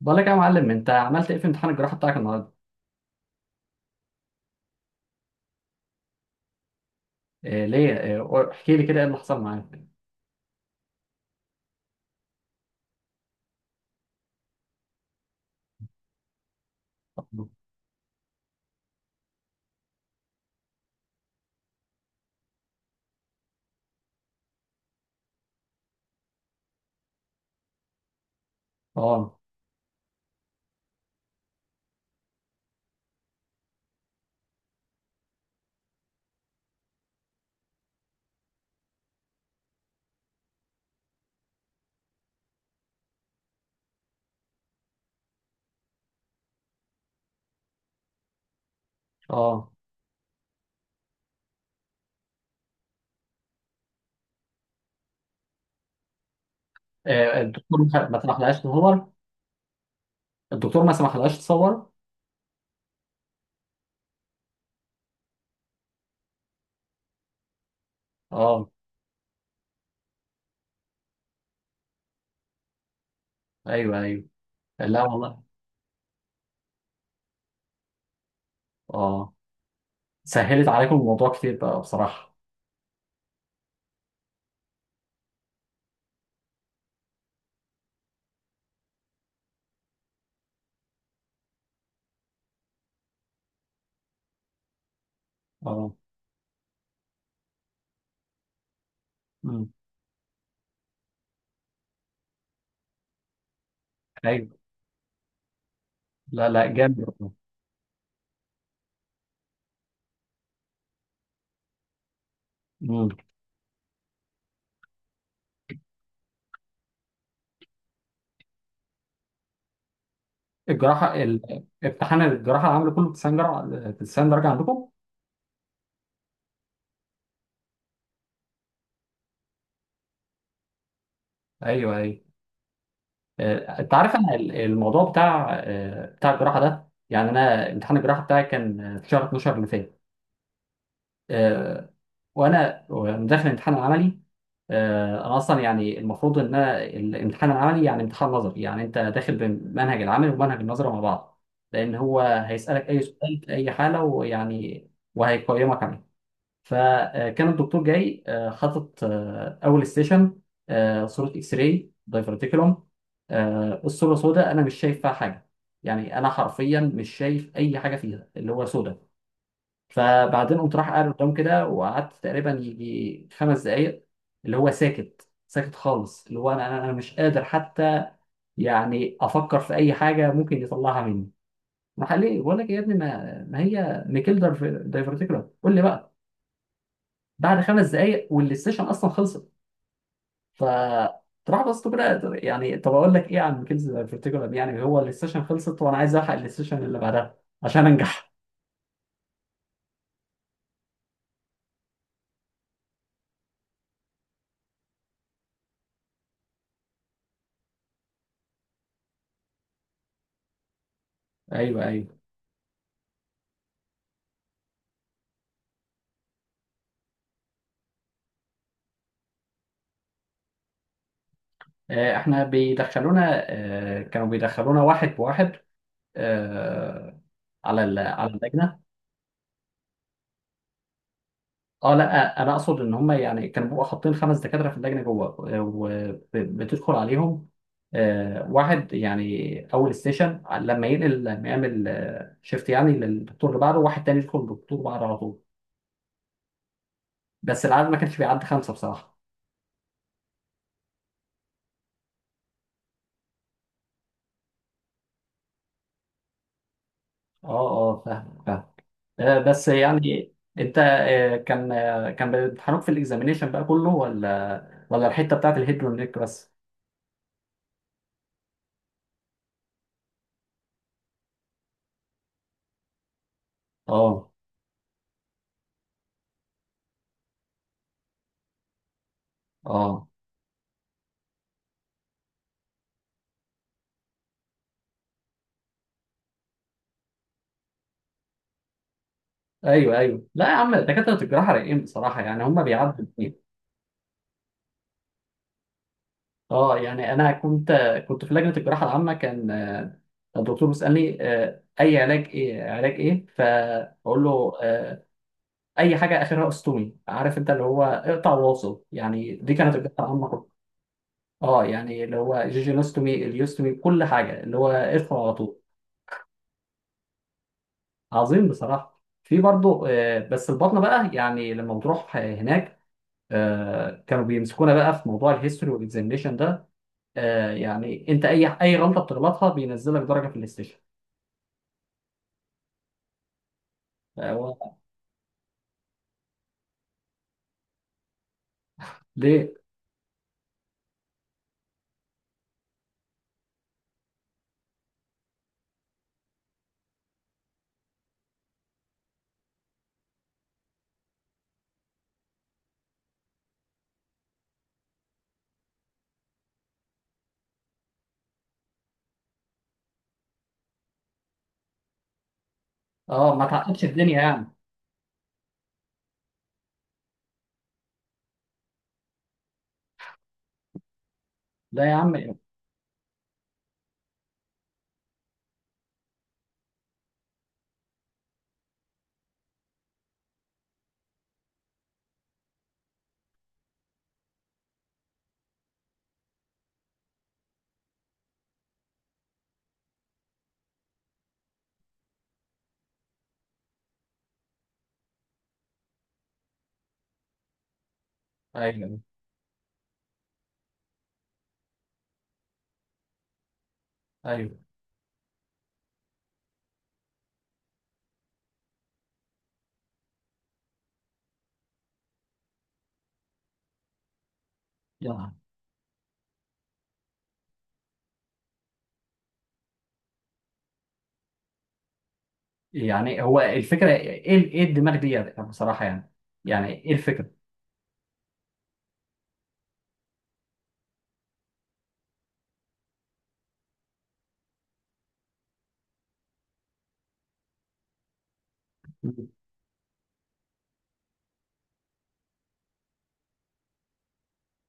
بقول لك يا معلم، انت عملت ايه في امتحان الجراحه بتاعك النهارده؟ إيه ليه، إيه احكي لي كده، ايه اللي حصل معاك؟ اه. اه. إيه الدكتور ما سمحلهاش تصور؟ الدكتور ما سمحلهاش تصور؟ اه، ايوه ايوه. لا والله. اه. سهلت عليكم الموضوع كتير بقى بصراحه. اه. امم. ايوه. لا لا، جامد والله. امم. الجراحه امتحان الجراحه عامله كله 90 درجه، 90 درجه عندكم؟ ايوه ايوه. انت عارف انا الموضوع بتاع بتاع الجراحه ده، يعني انا امتحان الجراحه بتاعي كان في شهر 12 اللي فات. آه، وانا وأنا داخل الامتحان العملي، انا اصلا يعني المفروض ان انا الامتحان العملي يعني امتحان نظري، يعني انت داخل بمنهج العمل ومنهج النظري مع بعض، لان هو هيسالك اي سؤال في اي حاله ويعني وهيقيمك عليه. فكان الدكتور جاي حاطط اول ستيشن، صوره اكس راي دايفرتيكولوم. الصوره سوداء، انا مش شايف فيها حاجه، يعني انا حرفيا مش شايف اي حاجه فيها اللي هو سوداء. فبعدين قمت راح قاعد قدام كده، وقعدت تقريبا يجي خمس دقائق اللي هو ساكت ساكت خالص، اللي هو انا أنا مش قادر حتى يعني افكر في اي حاجه ممكن يطلعها مني. راح قال لي بقول لك يا ابني، ما هي ميكيل دايفرتيكولوم، قول لي بقى. بعد خمس دقايق والسيشن اصلا خلصت. ف تروح بس كده، يعني طب اقول لك ايه عن ميكيلز فيرتيجرال، يعني هو السيشن خلصت وانا عايز الحق السيشن اللي بعدها عشان انجح. ايوه ايوه. احنا بيدخلونا، كانوا بيدخلونا واحد بواحد، آه، على على اللجنه. اه لا، انا اقصد ان هم يعني كانوا بيبقوا حاطين خمس دكاتره في اللجنه جوه، وبتدخل عليهم واحد، يعني اول ستيشن لما ينقل، لما يعمل شيفت يعني للدكتور اللي بعده، واحد تاني يدخل للدكتور بعده على طول. بس العدد ما كانش بيعدي خمسه بصراحه. اه. اه فاهم فاهم. بس يعني انت كان كان بيمتحنوك في الاكزامينيشن بقى كله، ولا الحته بتاعت الهيد والنيك بس؟ اه. اه. ايوه ايوه، لا يا عم دكاتره الجراحه رايقين بصراحه، يعني هم بيعدوا الدنيا. اه يعني انا كنت في لجنه الجراحه العامه، كان الدكتور بيسالني اي علاج، ايه علاج ايه، فاقول له اي حاجه اخرها استومي. عارف انت اللي هو اقطع واصل، يعني دي كانت الجراحه العامه كلها. اه، يعني اللي هو جيجينوستومي، اليوستومي، كل حاجه اللي هو ادخل على طول. عظيم بصراحه. في برضه بس البطنه بقى، يعني لما بتروح هناك كانوا بيمسكونا بقى في موضوع الهيستوري والاكزامينشن ده. آه، يعني انت اي اي غلطه بتغلطها بينزلك درجه في الاستيشن. آه هو. ليه؟ اه ما تعقدش الدنيا يعني. لا يا عم. ايوه ايوه. يعني، يعني هو الفكره ايه، ايه الدماغ دي يعني بصراحه، يعني يعني ايه الفكره؟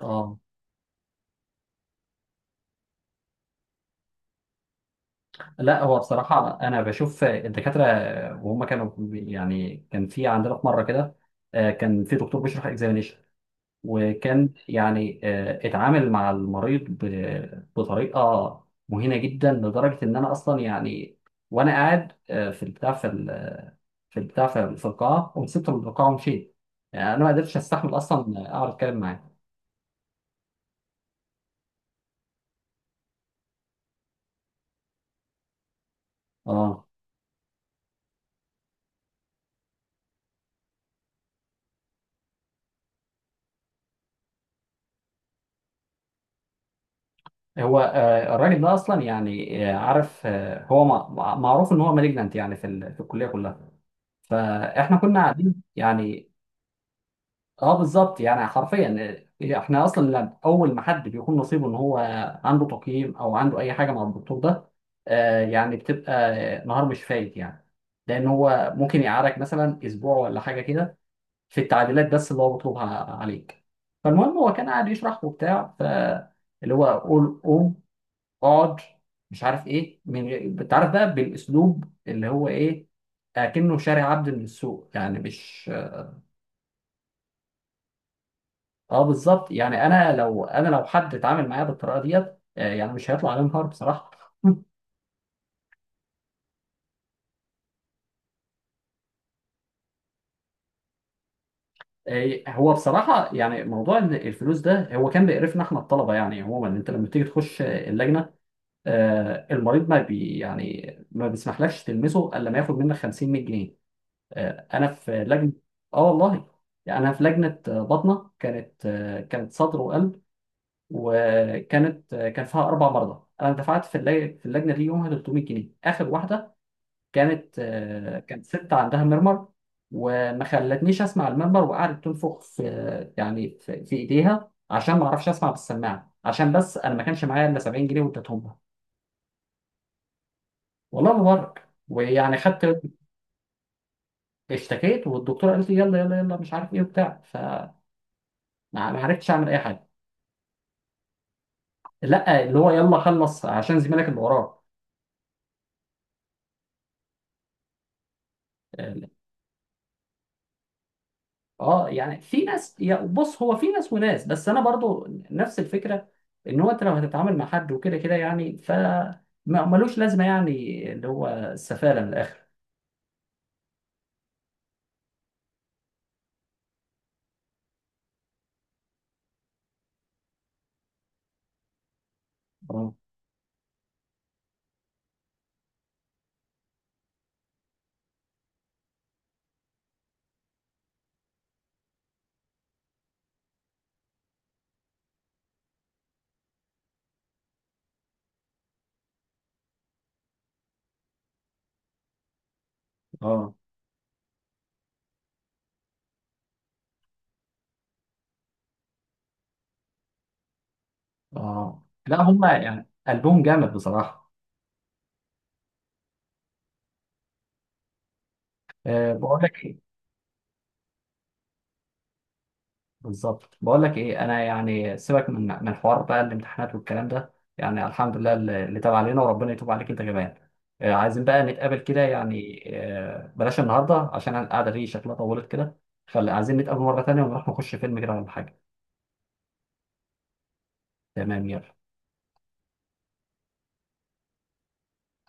اه لا، هو بصراحه انا بشوف الدكاتره وهم كانوا بي-، يعني كان في عندنا في مره كده كان في دكتور بيشرح اكزامينيشن، وكان يعني اتعامل مع المريض بطريقه مهينه جدا، لدرجه ان انا اصلا يعني، وانا قاعد في البتاع في في البتاع في في القاعه، وسبت القاعه ومشيت. يعني انا ما قدرتش استحمل اصلا اقعد اتكلم معاه. اه. هو الراجل ده اصلا يعني عارف هو معروف ان هو مالجنانت يعني في في الكليه كلها، فاحنا كنا قاعدين يعني. اه بالظبط، يعني حرفيا. إيه، احنا اصلا اول ما حد بيكون نصيبه ان هو عنده تقييم او عنده اي حاجه مع الدكتور ده، آه يعني بتبقى نهار مش فايت، يعني لان هو ممكن يقعدك مثلا اسبوع ولا حاجه كده في التعديلات بس اللي هو بيطلبها عليك. فالمهم، هو كان قاعد يشرح وبتاع، ف اللي هو قول قوم، اقعد، مش عارف ايه، من غير انت عارف بقى بالاسلوب اللي هو ايه، اكنه شاري عبد من السوق يعني، مش. اه بالظبط، يعني انا لو، انا لو حد اتعامل معايا بالطريقه ديت يعني مش هيطلع عليه نهار بصراحه. هو بصراحه يعني موضوع إن الفلوس ده هو كان بيقرفنا احنا الطلبه يعني. عموما انت لما بتيجي تخش اللجنه المريض ما بي يعني ما بيسمحلكش تلمسه الا لما ياخد منك 50 100 جنيه. انا في لجنه. اه والله. يعني انا في لجنه باطنه، كانت كانت صدر وقلب، وكانت كان فيها اربع مرضى، انا دفعت في في اللجنه دي يومها 300 جنيه. اخر واحده كانت كانت ست عندها مرمر، وما خلتنيش اسمع المنبر، وقعدت تنفخ في يعني في ايديها عشان ما اعرفش اسمع بالسماعه، عشان بس انا ما كانش معايا الا 70 جنيه واديتهم لها. والله ما بهزر. ويعني خدت. اشتكيت والدكتوره قالت لي يلا يلا يلا مش عارف ايه وبتاع، فما ما عرفتش اعمل اي حاجه. لا، اللي هو يلا خلص عشان زميلك اللي وراك. اه يعني في ناس، يا بص هو في ناس وناس، بس انا برضو نفس الفكره ان هو انت لو هتتعامل مع حد وكده كده يعني ف ما- ملوش لازمه يعني، اللي هو السفاله من الاخر. اه. اه. اه لا هم يعني قلبهم جامد بصراحه. أه بقول لك. بالظبط، بقول لك ايه، انا يعني سيبك من من حوار بقى الامتحانات والكلام ده، يعني الحمد لله اللي اللي تاب علينا، وربنا يتوب عليك انت كمان. عايزين بقى نتقابل كده، يعني بلاش النهارده عشان القعده دي شكلها طولت كده، فعايزين نتقابل مره تانية ونروح نخش فيلم كده ولا حاجه. تمام، يلا.